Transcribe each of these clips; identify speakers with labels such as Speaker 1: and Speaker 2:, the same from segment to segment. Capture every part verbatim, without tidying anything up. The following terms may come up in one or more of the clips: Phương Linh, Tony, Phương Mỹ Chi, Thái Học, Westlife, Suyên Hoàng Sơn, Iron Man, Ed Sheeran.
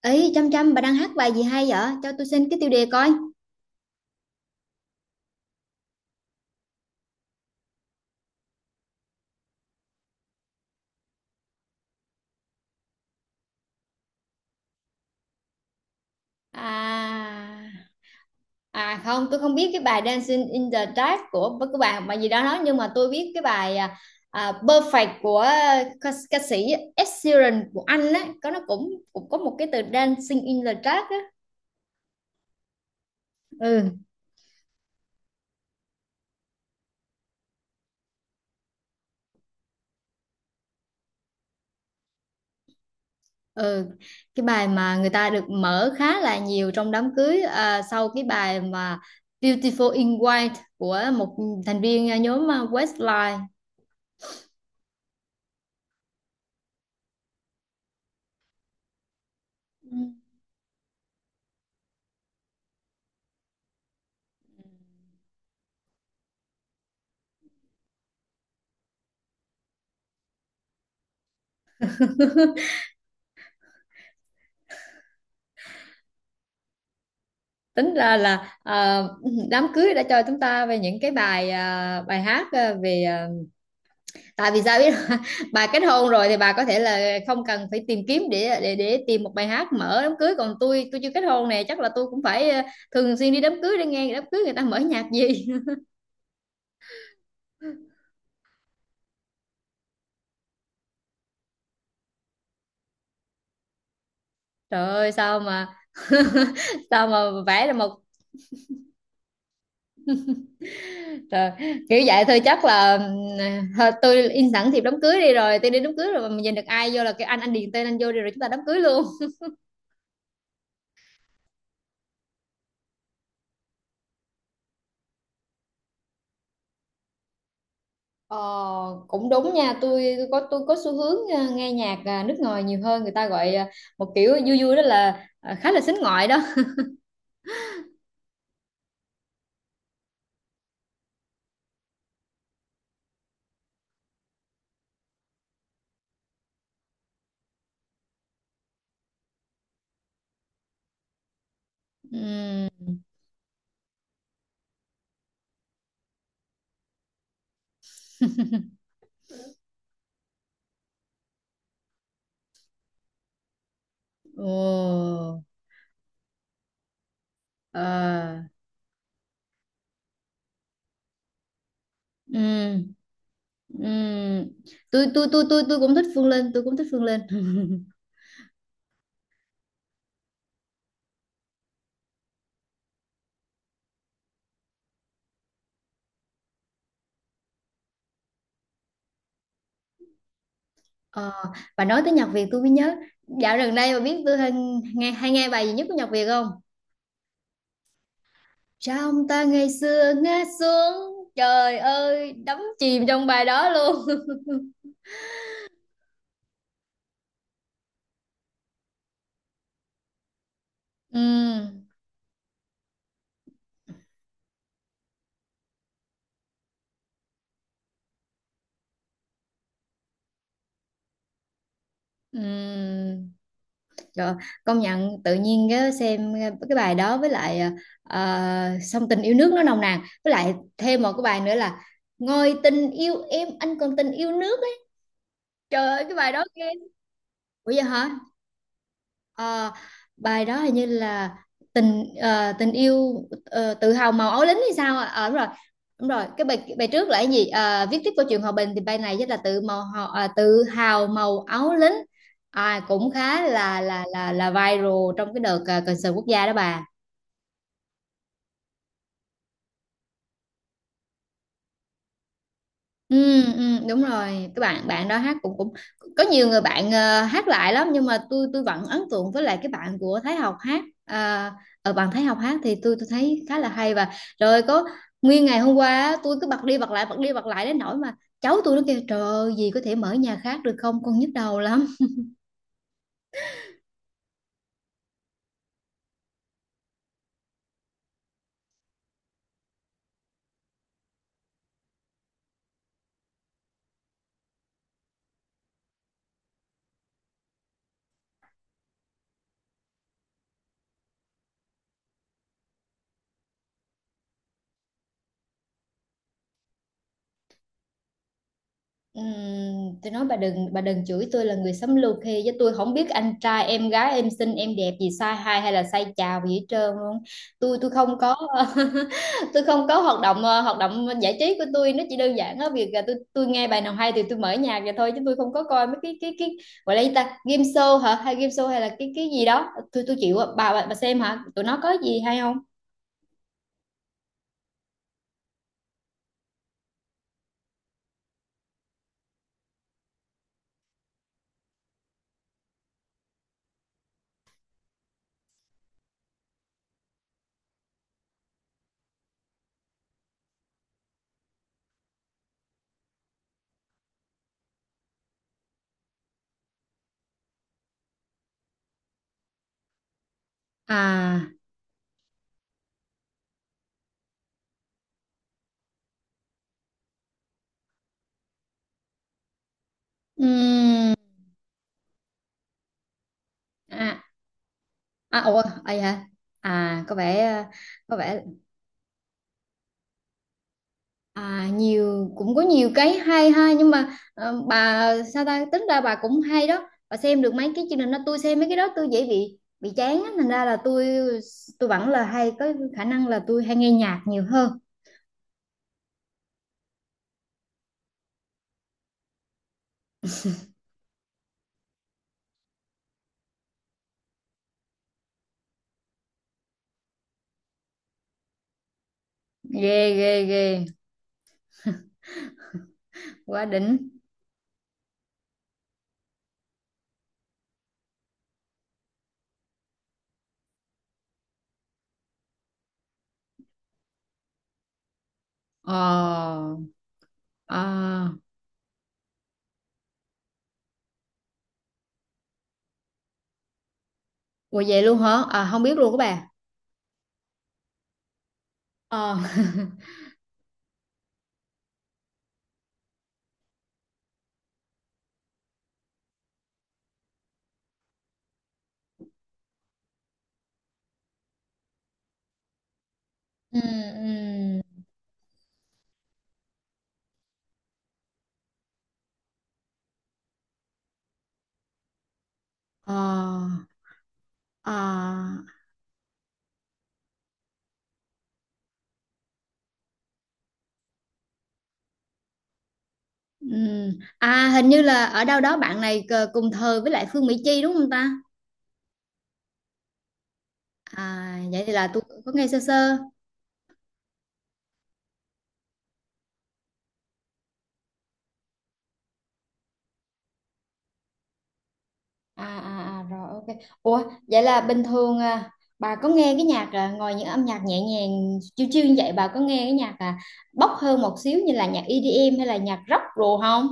Speaker 1: Ấy chăm chăm bà đang hát bài gì hay vậy cho tôi xin cái tiêu đề coi. À, à không, tôi không biết cái bài Dancing in the Dark của của bạn mà gì đó nói, nhưng mà tôi biết cái bài à, à, Perfect của à, ca, ca sĩ Ed Sheeran của Anh á, có nó cũng cũng có một cái từ Dancing in the Dark á. Ừ, ừ. Cái bài mà người ta được mở khá là nhiều trong đám cưới, à, sau cái bài mà Beautiful in White của một thành viên à, nhóm à, Westlife. Ừ. Tính ra là ờ, đám cưới đã cho chúng ta về những cái bài ờ, bài hát ờ, về ờ, tại vì sao biết không? Bà kết hôn rồi thì bà có thể là không cần phải tìm kiếm để để để tìm một bài hát mở đám cưới, còn tôi tôi chưa kết hôn nè, chắc là tôi cũng phải ờ, thường xuyên đi đám cưới để nghe đám cưới người ta mở nhạc gì. Trời ơi sao mà sao mà vẽ ra một trời, kiểu vậy thôi. Chắc là ừm, ờ, thôi tôi in sẵn thiệp đám cưới đi, rồi tôi đi đám cưới, rồi mà mình nhìn được ai vô là cái anh anh điền tên anh vô đi, rồi chúng ta đám cưới luôn. Ờ, cũng đúng nha, tôi, tôi có tôi có xu hướng ờ, nghe nhạc ờ, nước ngoài nhiều hơn, người ta gọi ờ, một kiểu vui vui đó là ờ, khá là sính ngoại đó. Ừm, ồ, ờ, ừm, ừm. tôi tôi tôi tôi tôi cũng thích Phương Linh, tôi cũng thích Phương Linh. Ờ, bà nói tới nhạc Việt tôi mới nhớ, dạo gần đây bà biết tôi hay nghe hay nghe bài gì nhất của nhạc Việt không? Trong ta ngày xưa ngã xuống, trời ơi, đắm chìm trong bài đó luôn. Ừ, ừ, rồi. Công nhận tự nhiên cái xem cái bài đó, với lại ờ, song tình yêu nước nó nồng nàn, với lại thêm một cái bài nữa là ngồi tình yêu em anh còn tình yêu nước ấy. Trời ơi cái bài đó ghê. Ủa vậy hả? Ờ, bài đó hình như là tình ờ, tình yêu ờ, tự hào màu áo lính hay sao ạ? Ờ đúng rồi, đúng rồi. Cái bài bài trước là cái gì? Ờ, viết tiếp câu chuyện hòa bình, thì bài này rất là tự màu hò- ờ, tự hào màu áo lính, à, cũng khá là là là là viral trong cái đợt ờ, concert quốc gia đó bà. Ừ, ừ, đúng rồi. Các bạn bạn đó hát cũng cũng có nhiều người bạn ờ, hát lại lắm, nhưng mà tôi tôi vẫn ấn tượng với lại cái bạn của Thái Học hát, à, ở bạn Thái Học hát thì tôi tôi thấy khá là hay. Và rồi có nguyên ngày hôm qua á, tôi cứ bật đi bật lại bật đi bật lại đến nỗi mà cháu tôi nó kêu trời ơi, gì có thể mở nhà khác được không, con nhức đầu lắm. Ừm, tôi nói bà đừng, bà đừng chửi tôi là người sống lưu khi, chứ tôi không biết anh trai em gái em xinh em đẹp gì sai hay hay là sai chào gì hết trơn luôn, tôi tôi không có. Tôi không có hoạt động ờ, hoạt động giải trí của tôi nó chỉ đơn giản á, việc là tôi tôi nghe bài nào hay thì tôi mở nhạc vậy thôi, chứ tôi không có coi mấy cái cái cái gọi là gì ta, game show hả, hay game show hay là cái cái gì đó tôi tôi chịu ạ. Bà bà, bà xem hả, tụi nó có gì hay không? À, ừm, à, à ủa ai hả, à có vẻ ờ, có vẻ. À, nhiều, cũng có nhiều cái hay ha, nhưng mà ờ, bà sao ta, tính ra bà cũng hay đó, bà xem được mấy cái chương trình đó. Tôi xem mấy cái đó tôi dễ bị bị chán á, thành ra là tôi tôi vẫn là hay có khả năng là tôi hay nghe nhạc nhiều hơn. Ghê ghê ghê, quá đỉnh. Ờ, à, ủa vậy luôn hả, à, không biết luôn các bà. Ờ ừ, ừ, ờ, à. Ừm, À hình như là ở đâu đó bạn này cờ- cùng thời với lại Phương Mỹ Chi đúng không ta? À vậy thì là tôi có nghe sơ sơ. À à à rồi, ok. Ủa vậy là bình thường à, bà có nghe cái nhạc, à, ngoài những âm nhạc nhẹ nhàng chill chill như vậy, bà có nghe cái nhạc à, bốc hơn một xíu như là nhạc e đê em hay là nhạc rock rồi không?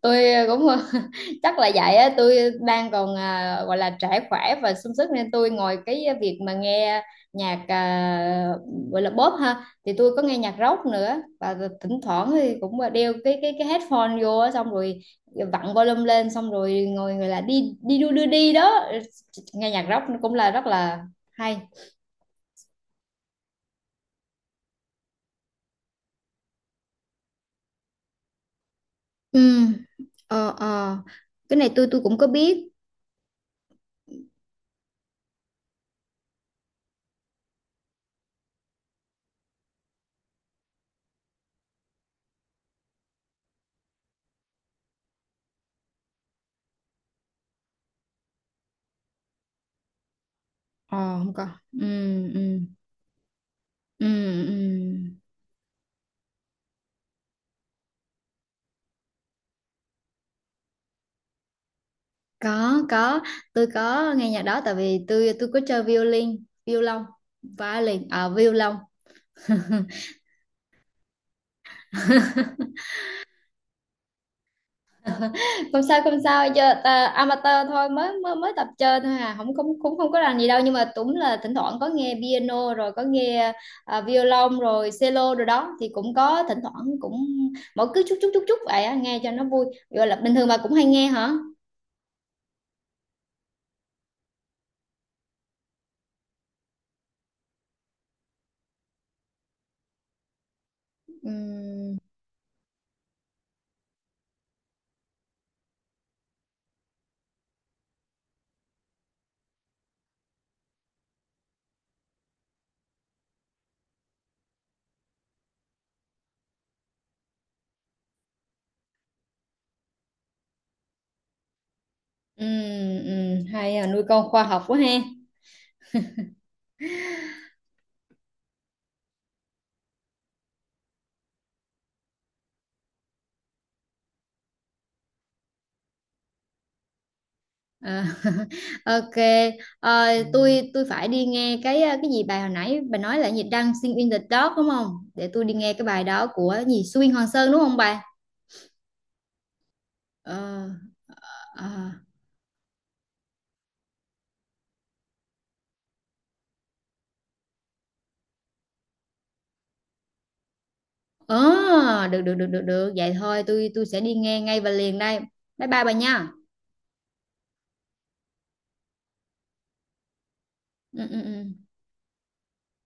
Speaker 1: Tôi ờ, cũng chắc là vậy á, tôi đang còn à, gọi là trẻ khỏe và sung sức nên tôi ngồi cái việc mà nghe nhạc, à, gọi là pop ha, thì tôi có nghe nhạc rock nữa, và thỉnh thoảng thì cũng đeo cái cái cái headphone vô á, xong rồi vặn volume lên xong rồi ngồi gọi là đi đi đu đưa đi đó. Nghe nhạc rock cũng là rất là hay. Ừ, ờ, ờ. Cái này tôi tôi cũng có biết. Ờ, không có. Ừ, ừ, ừ, ừ. có có tôi có nghe nhạc đó tại vì tôi tôi có chơi violin violon, violin à violon. Không sao không sao, chơi ta, amateur thôi, mới mới mới tập chơi thôi, à không không, cũng không có làm gì đâu, nhưng mà cũng là thỉnh thoảng có nghe piano rồi có nghe à, violon rồi cello rồi đó, thì cũng có thỉnh thoảng cũng mỗi cứ chút chút chút chút vậy á, nghe cho nó vui gọi là. Bình thường bà cũng hay nghe hả? Ừ ừ ừ. Hay à, nuôi con khoa học quá ha. Ờ, ok. Ờ, tôi tôi phải đi nghe cái ờ, cái gì bài hồi nãy bà nói là gì, Dancing in the Dark đúng không, để tôi đi nghe cái bài đó của gì Suyên Hoàng Sơn đúng không bà? Ờ, ờ. Ờ, được được được được được vậy thôi, tôi tôi sẽ đi nghe ngay và liền đây, bye bye bà nha. Ừ ừ ừ.